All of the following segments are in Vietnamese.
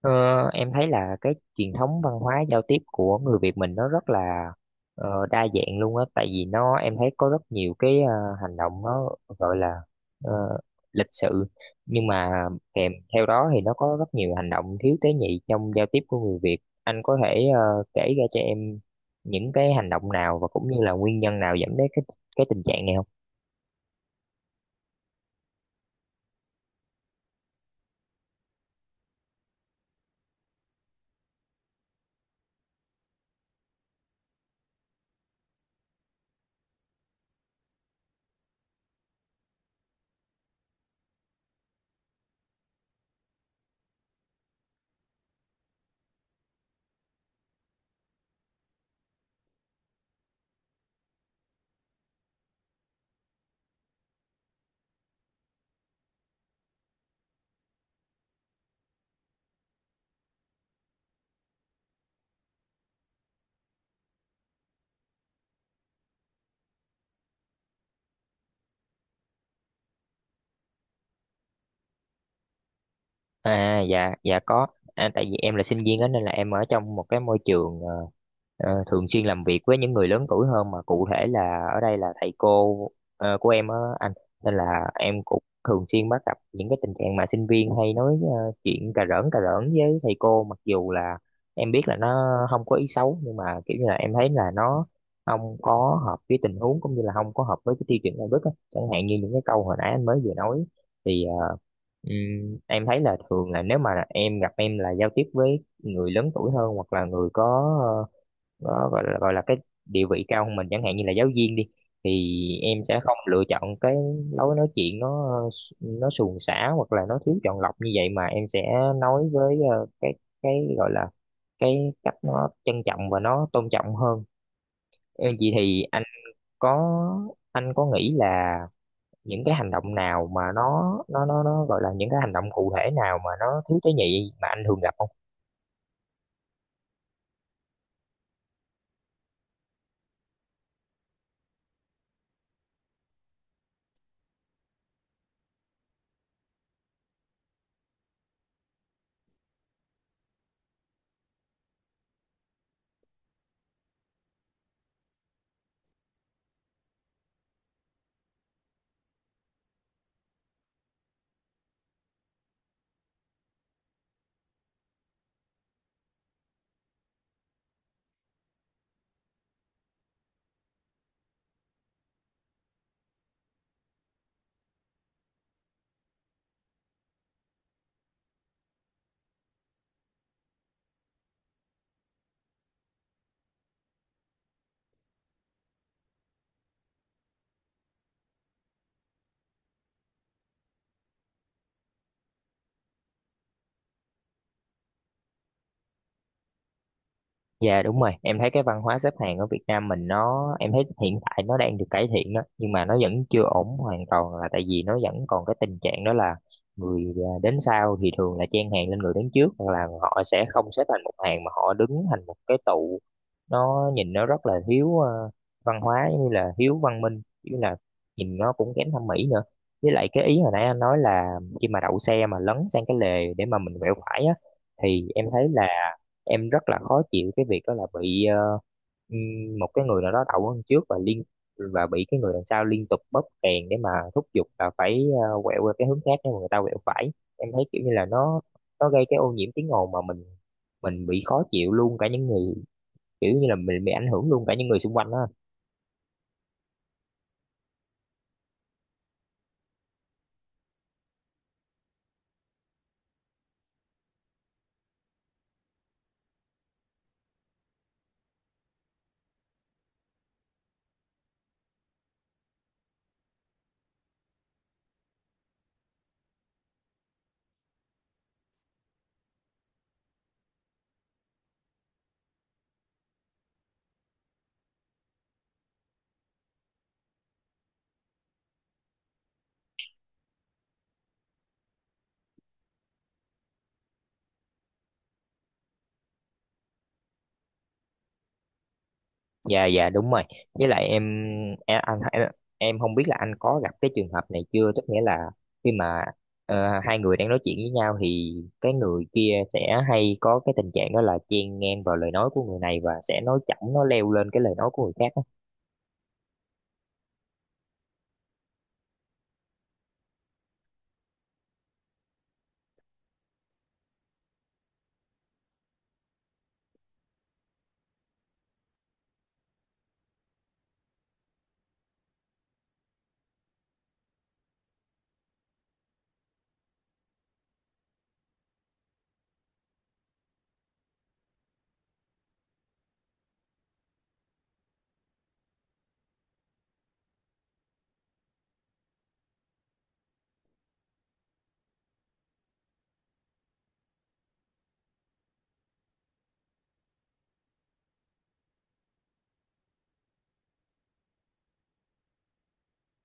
Ờ, em thấy là cái truyền thống văn hóa giao tiếp của người Việt mình nó rất là đa dạng luôn á, tại vì em thấy có rất nhiều cái hành động nó gọi là ờ, lịch sự, nhưng mà kèm theo đó thì nó có rất nhiều hành động thiếu tế nhị trong giao tiếp của người Việt. Anh có thể kể ra cho em những cái hành động nào và cũng như là nguyên nhân nào dẫn đến cái tình trạng này không? À, dạ dạ có. Tại vì em là sinh viên đó, nên là em ở trong một cái môi trường thường xuyên làm việc với những người lớn tuổi hơn, mà cụ thể là ở đây là thầy cô của em á anh. Nên là em cũng thường xuyên bắt gặp những cái tình trạng mà sinh viên hay nói chuyện cà rỡn với thầy cô, mặc dù là em biết là nó không có ý xấu, nhưng mà kiểu như là em thấy là nó không có hợp với tình huống, cũng như là không có hợp với cái tiêu chuẩn đạo đức á, chẳng hạn như những cái câu hồi nãy anh mới vừa nói. thì ờ, em thấy là thường là nếu mà em gặp, em là giao tiếp với người lớn tuổi hơn, hoặc là người có gọi là cái địa vị cao hơn mình, chẳng hạn như là giáo viên đi, thì em sẽ không lựa chọn cái lối nói chuyện nó suồng sã hoặc là nó thiếu chọn lọc như vậy, mà em sẽ nói với cái gọi là cái cách nó trân trọng và nó tôn trọng hơn. Em vậy thì có anh có nghĩ là những cái hành động nào mà nó gọi là những cái hành động cụ thể nào mà nó thiếu tế nhị mà anh thường gặp không? Dạ đúng rồi, em thấy cái văn hóa xếp hàng ở Việt Nam mình nó em thấy hiện tại nó đang được cải thiện đó, nhưng mà nó vẫn chưa ổn hoàn toàn, là tại vì nó vẫn còn cái tình trạng đó là người đến sau thì thường là chen hàng lên người đến trước, hoặc là họ sẽ không xếp thành một hàng mà họ đứng thành một cái tụ, nó nhìn nó rất là thiếu văn hóa, giống như là thiếu văn minh, như là nhìn nó cũng kém thẩm mỹ nữa. Với lại cái ý hồi nãy anh nói là khi mà đậu xe mà lấn sang cái lề để mà mình quẹo phải á, thì em thấy là em rất là khó chịu cái việc đó, là bị một cái người nào đó đậu hơn trước, và bị cái người đằng sau liên tục bóp kèn để mà thúc giục là phải quẹo qua cái hướng khác để mà người ta quẹo phải. Em thấy kiểu như là nó gây cái ô nhiễm tiếng ồn, mà mình bị khó chịu luôn cả những người, kiểu như là mình bị ảnh hưởng luôn cả những người xung quanh đó. Dạ dạ đúng rồi, với lại em, em anh em, em không biết là anh có gặp cái trường hợp này chưa, tức nghĩa là khi mà hai người đang nói chuyện với nhau thì cái người kia sẽ hay có cái tình trạng đó là chen ngang vào lời nói của người này, và sẽ nói chỏng nó leo lên cái lời nói của người khác á.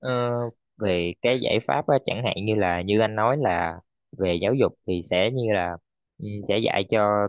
Ờ, Về cái giải pháp á, chẳng hạn như là như anh nói là về giáo dục thì sẽ như là, sẽ dạy cho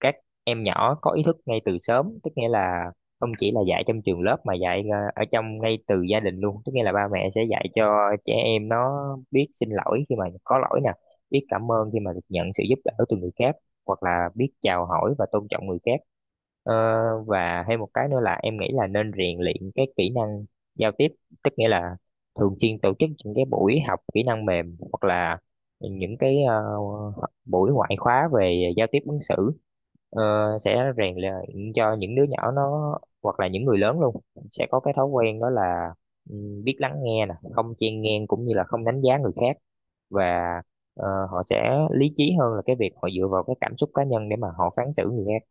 các em nhỏ có ý thức ngay từ sớm, tức nghĩa là không chỉ là dạy trong trường lớp mà dạy ở trong ngay từ gia đình luôn, tức nghĩa là ba mẹ sẽ dạy cho trẻ em nó biết xin lỗi khi mà có lỗi nè, biết cảm ơn khi mà được nhận sự giúp đỡ từ người khác, hoặc là biết chào hỏi và tôn trọng người khác. Ờ, và thêm một cái nữa là em nghĩ là nên rèn luyện cái kỹ năng giao tiếp, tức nghĩa là thường xuyên tổ chức những cái buổi học kỹ năng mềm, hoặc là những cái buổi ngoại khóa về giao tiếp ứng xử, ờ, sẽ rèn luyện cho những đứa nhỏ nó, hoặc là những người lớn luôn, sẽ có cái thói quen đó là, ừ, biết lắng nghe nè, không chen ngang, cũng như là không đánh giá người khác, và ờ, họ sẽ lý trí hơn là cái việc họ dựa vào cái cảm xúc cá nhân để mà họ phán xử người khác.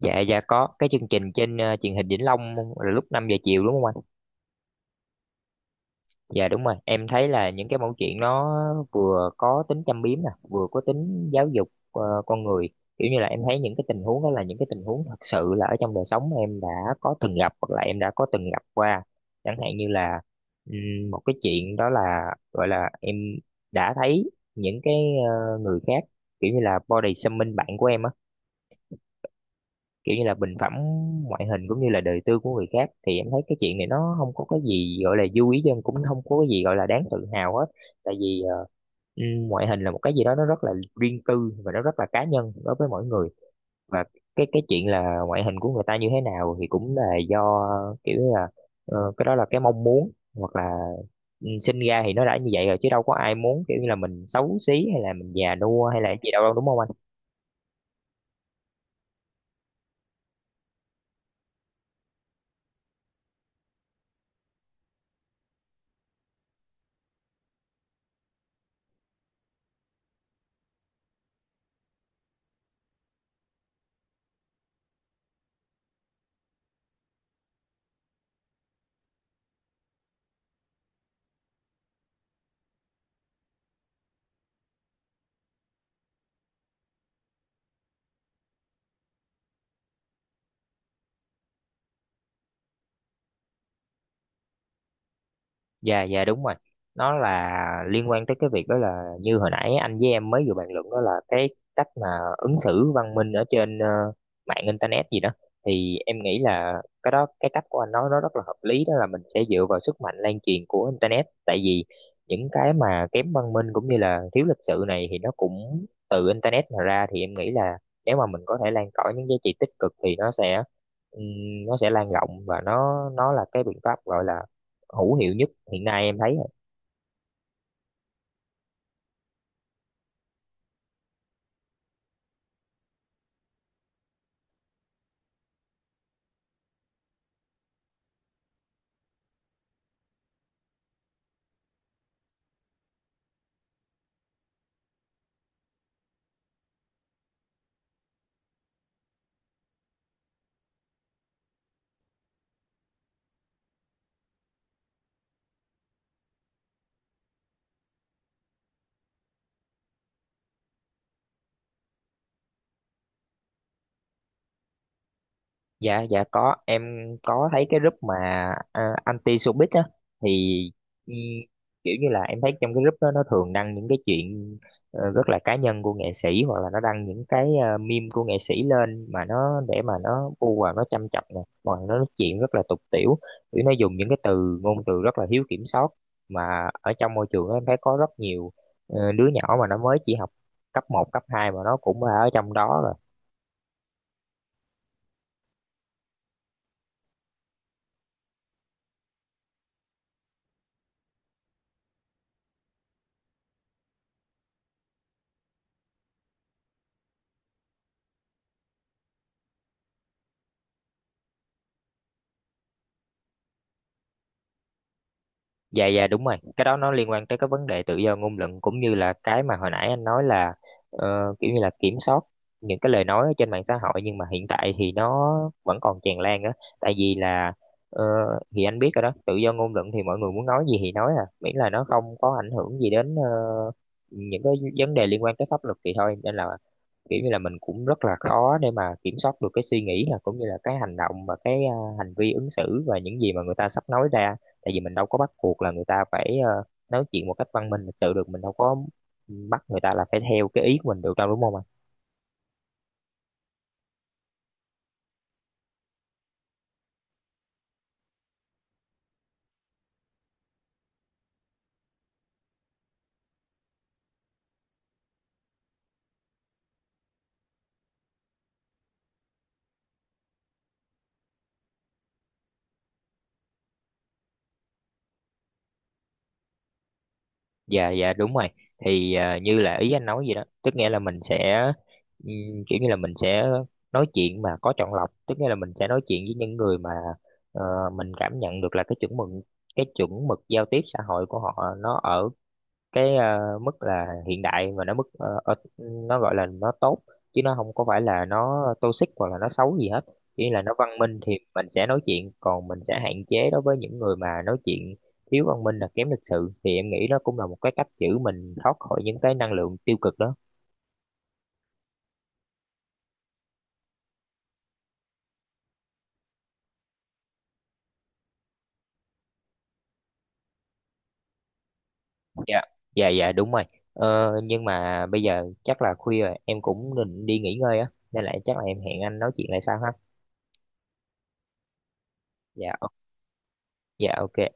Dạ dạ có, cái chương trình trên truyền hình Vĩnh Long là lúc 5 giờ chiều đúng không? Dạ đúng rồi, em thấy là những cái mẫu chuyện nó vừa có tính châm biếm nè, vừa có tính giáo dục con người. Kiểu như là em thấy những cái tình huống đó là những cái tình huống thật sự là ở trong đời sống em đã có từng gặp, hoặc là em đã có từng gặp qua. Chẳng hạn như là, một cái chuyện đó là, gọi là em đã thấy những cái người khác kiểu như là body shaming bạn của em á, kiểu như là bình phẩm ngoại hình cũng như là đời tư của người khác, thì em thấy cái chuyện này nó không có cái gì gọi là vui ý dân, cũng không có cái gì gọi là đáng tự hào hết. Tại vì ngoại hình là một cái gì đó nó rất là riêng tư, và nó rất là cá nhân đối với mỗi người. Và cái chuyện là ngoại hình của người ta như thế nào, thì cũng là do, kiểu như là cái đó là cái mong muốn, hoặc là sinh ra thì nó đã như vậy rồi, chứ đâu có ai muốn kiểu như là mình xấu xí, hay là mình già nua, hay là gì đâu, đúng không? Dạ dạ đúng rồi. Nó là liên quan tới cái việc đó, là như hồi nãy anh với em mới vừa bàn luận đó, là cái cách mà ứng xử văn minh ở trên mạng internet gì đó. Thì em nghĩ là cái đó cái cách của anh nói nó rất là hợp lý, đó là mình sẽ dựa vào sức mạnh lan truyền của internet. Tại vì những cái mà kém văn minh cũng như là thiếu lịch sự này thì nó cũng từ internet mà ra, thì em nghĩ là nếu mà mình có thể lan tỏa những giá trị tích cực thì ừm, nó sẽ lan rộng, và nó là cái biện pháp gọi là hữu hiệu nhất hiện nay em thấy. Dạ dạ có em, có thấy cái group mà anti showbiz á. Thì, ừ, kiểu như là em thấy trong cái group đó nó thường đăng những cái chuyện rất là cá nhân của nghệ sĩ, hoặc là nó đăng những cái meme của nghệ sĩ lên, mà nó để mà nó bu vào nó châm chọc nè, hoặc là nó nói chuyện rất là tục tĩu, kiểu nó dùng những cái từ ngôn từ rất là thiếu kiểm soát. Mà ở trong môi trường đó em thấy có rất nhiều đứa nhỏ mà nó mới chỉ học cấp 1 cấp 2 mà nó cũng ở trong đó rồi. Dạ dạ đúng rồi, cái đó nó liên quan tới cái vấn đề tự do ngôn luận, cũng như là cái mà hồi nãy anh nói là kiểu như là kiểm soát những cái lời nói ở trên mạng xã hội. Nhưng mà hiện tại thì nó vẫn còn tràn lan á, tại vì là, ờ, thì anh biết rồi đó, tự do ngôn luận thì mọi người muốn nói gì thì nói à, miễn là nó không có ảnh hưởng gì đến những cái vấn đề liên quan tới pháp luật thì thôi. Nên là kiểu như là mình cũng rất là khó để mà kiểm soát được cái suy nghĩ, là cũng như là cái hành động và cái hành vi ứng xử và những gì mà người ta sắp nói ra. Tại vì mình đâu có bắt buộc là người ta phải nói chuyện một cách văn minh lịch sự được, mình đâu có bắt người ta là phải theo cái ý của mình được đâu, đúng không ạ? Dạ dạ đúng rồi, thì như là ý anh nói vậy đó, tức nghĩa là mình sẽ kiểu như là mình sẽ nói chuyện mà có chọn lọc, tức nghĩa là mình sẽ nói chuyện với những người mà ờ, mình cảm nhận được là cái chuẩn mực giao tiếp xã hội của họ nó ở cái mức là hiện đại, và nó mức nó gọi là nó tốt, chứ nó không có phải là nó toxic hoặc là nó xấu gì hết, chỉ là nó văn minh thì mình sẽ nói chuyện, còn mình sẽ hạn chế đối với những người mà nói chuyện thiếu văn minh là kém lịch sự, thì em nghĩ đó cũng là một cái cách giữ mình thoát khỏi những cái năng lượng tiêu cực đó. Dạ dạ dạ đúng rồi. Nhưng mà bây giờ chắc là khuya rồi, em cũng định đi nghỉ ngơi á, nên là chắc là em hẹn anh nói chuyện lại sau ha. Dạ dạ ok.